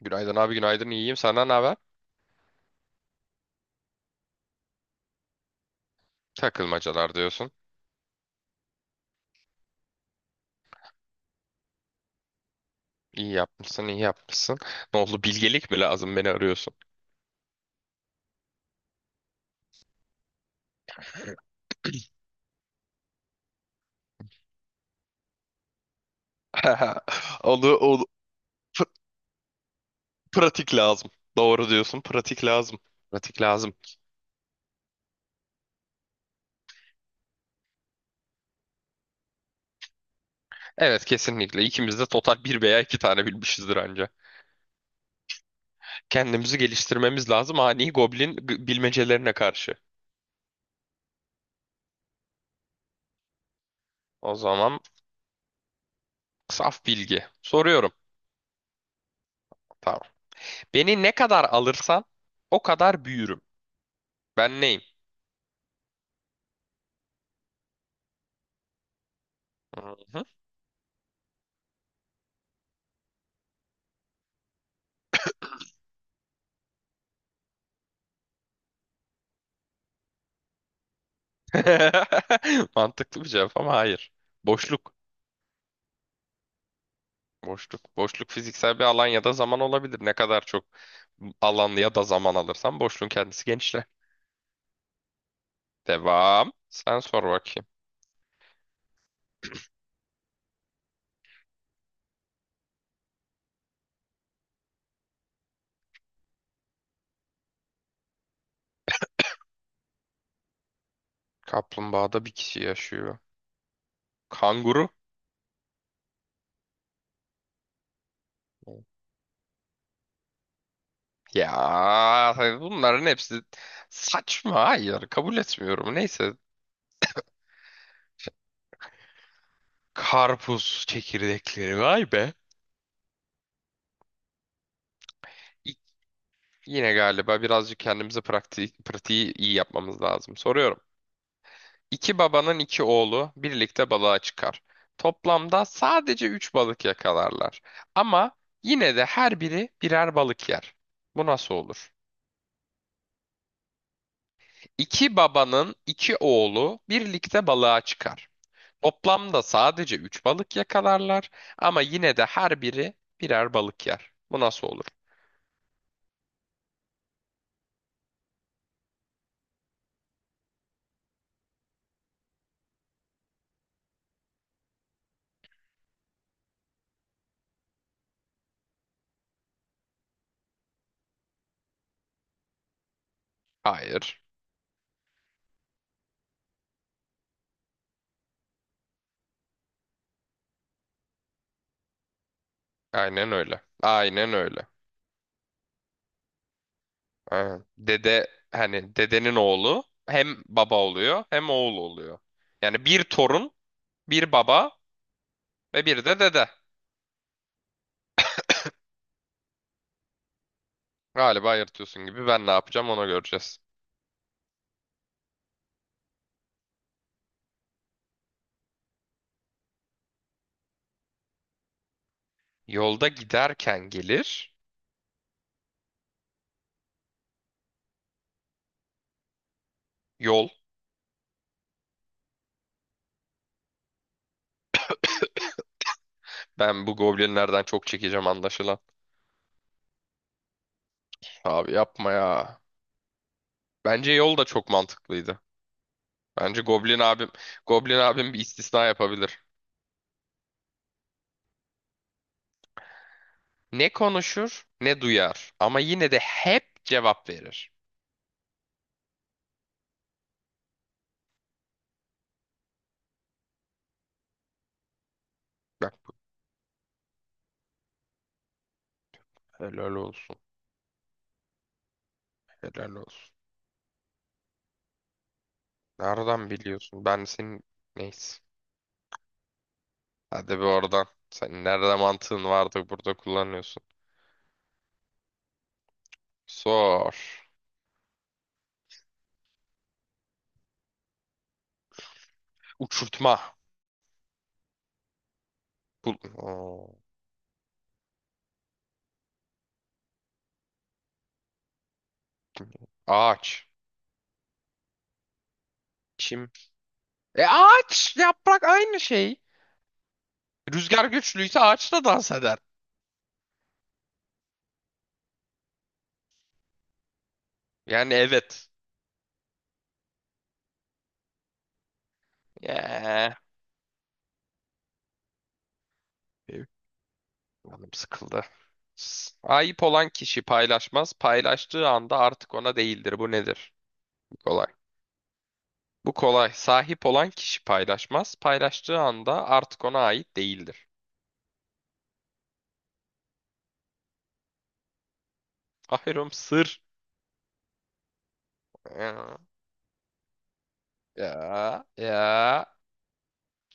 Günaydın abi, günaydın. İyiyim senden ne haber? Takılmacalar diyorsun. İyi yapmışsın, iyi yapmışsın. Ne oldu, bilgelik mi lazım, beni arıyorsun? Onu, onu- pr- pratik lazım. Doğru diyorsun, pratik lazım. Pratik lazım. Evet, kesinlikle ikimiz de total bir veya iki tane bilmişizdir anca. Kendimizi geliştirmemiz lazım ani goblin bilmecelerine karşı. O zaman saf bilgi. Soruyorum. Tamam. Beni ne kadar alırsan o kadar büyürüm. Ben neyim? Hı hı. Mantıklı bir cevap ama hayır. Boşluk. Boşluk. Boşluk fiziksel bir alan ya da zaman olabilir. Ne kadar çok alan ya da zaman alırsan boşluğun kendisi genişler. Devam. Sen sor bakayım. Kaplumbağada bir kişi yaşıyor. Kanguru. Ya bunların hepsi saçma. Hayır, kabul etmiyorum. Neyse. Karpuz çekirdekleri. Vay be. İ- Yine galiba birazcık kendimize praktiği, pratiği iyi yapmamız lazım. Soruyorum. İki babanın iki oğlu birlikte balığa çıkar. Toplamda sadece üç balık yakalarlar. Ama yine de her biri birer balık yer. Bu nasıl olur? İki babanın iki oğlu birlikte balığa çıkar. Toplamda sadece üç balık yakalarlar. Ama yine de her biri birer balık yer. Bu nasıl olur? Hayır. Aynen öyle. Aynen öyle. Aynen. Dede, hani dedenin oğlu hem baba oluyor hem oğul oluyor. Yani bir torun, bir baba ve bir de dede. Galiba yırtıyorsun gibi, ben ne yapacağım onu göreceğiz. Yolda giderken gelir. Yol. Ben bu goblinlerden çok çekeceğim anlaşılan. Abi yapma ya. Bence yol da çok mantıklıydı. Bence goblin abim bir istisna yapabilir. Ne konuşur ne duyar ama yine de hep cevap verir. Bak, helal olsun. Helal olsun. Nereden biliyorsun? Ben senin, neyse. Hadi bir oradan. Sen nerede mantığın vardı burada kullanıyorsun. Sor. Uçurtma. Bul Oo. Ağaç. Kim? E, ağaç, yaprak aynı şey. Rüzgar güçlüyse ağaç da dans eder. Yani evet. Yeah. Canım sıkıldı. Ayıp olan kişi paylaşmaz. Paylaştığı anda artık ona değildir. Bu nedir? Bu kolay. Bu kolay. Sahip olan kişi paylaşmaz. Paylaştığı anda artık ona ait değildir. Aferin, sır. Ya, ya, ya.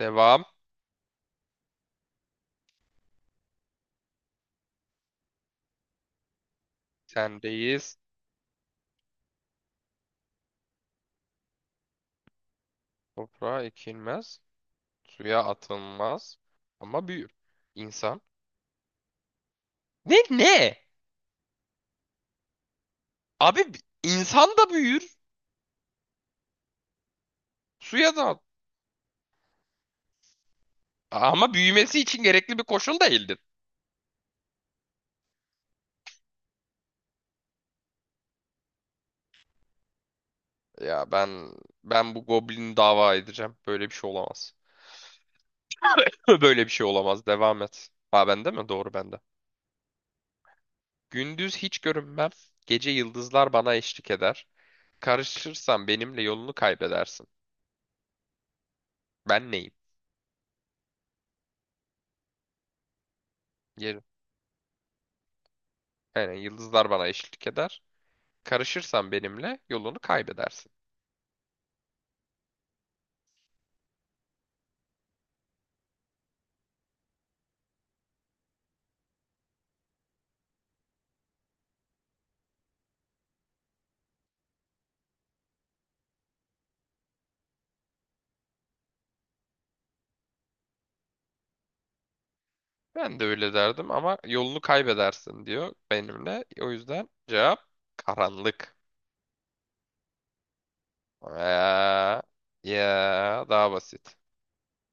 Devam. Sendeyiz. Toprağa ekilmez, suya atılmaz ama büyür. İnsan. Ne, ne? Abi insan da büyür, suya da ama büyümesi için gerekli bir koşul değildir. Ya ben bu goblini dava edeceğim. Böyle bir şey olamaz. Böyle bir şey olamaz. Devam et. Ha, bende mi? Doğru, bende. Gündüz hiç görünmem. Gece yıldızlar bana eşlik eder. Karışırsan benimle yolunu kaybedersin. Ben neyim? Yerim. Aynen, yıldızlar bana eşlik eder. Karışırsan benimle yolunu kaybedersin. Ben de öyle derdim ama yolunu kaybedersin diyor benimle. O yüzden cevap karanlık. Ya, ya daha basit.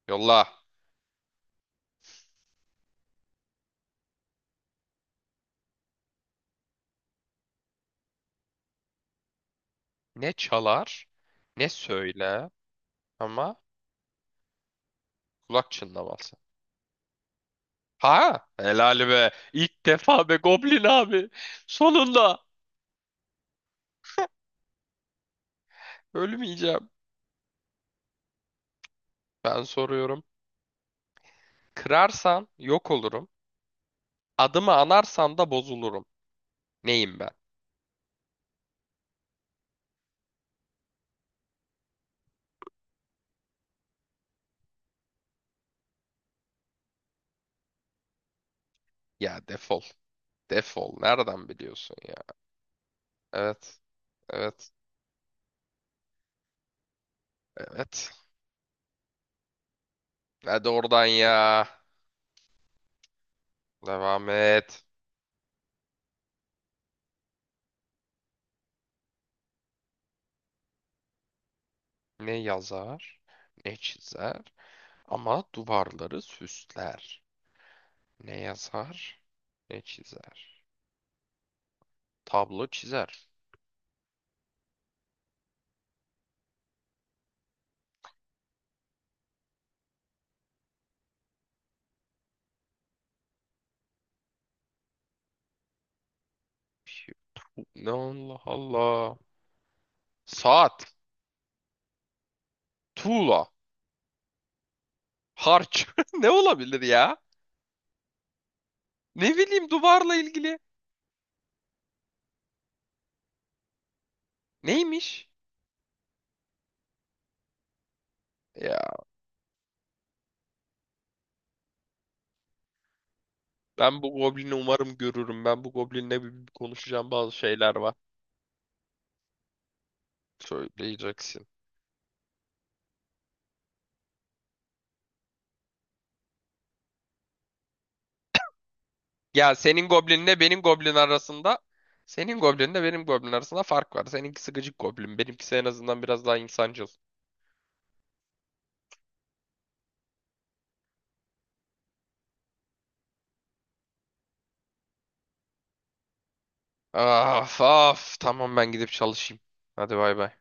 Yolla. Ne çalar, ne söyle ama kulak çınlaması. Ha helal be. İlk defa be Goblin abi. Sonunda ölmeyeceğim. Ben soruyorum. Kırarsan yok olurum. Adımı anarsan da bozulurum. Neyim ben? Ya defol. Defol. Nereden biliyorsun ya? Evet. Evet. Evet. Hadi oradan ya. Devam et. Ne yazar, ne çizer ama duvarları süsler. Ne yazar, ne çizer. Tablo çizer. Ne, Allah Allah. Saat, tuğla, harç. Ne olabilir ya? Ne bileyim, duvarla ilgili. Neymiş? Ya, ben bu goblini umarım görürüm. Ben bu goblinle bir bir konuşacağım, bazı şeyler var. Söyleyeceksin. Ya, senin goblinle benim goblin arasında fark var. Seninkisi gıcık goblin. Benimkisi en azından biraz daha insancıl. Af af. Tamam, ben gidip çalışayım. Hadi bay bay.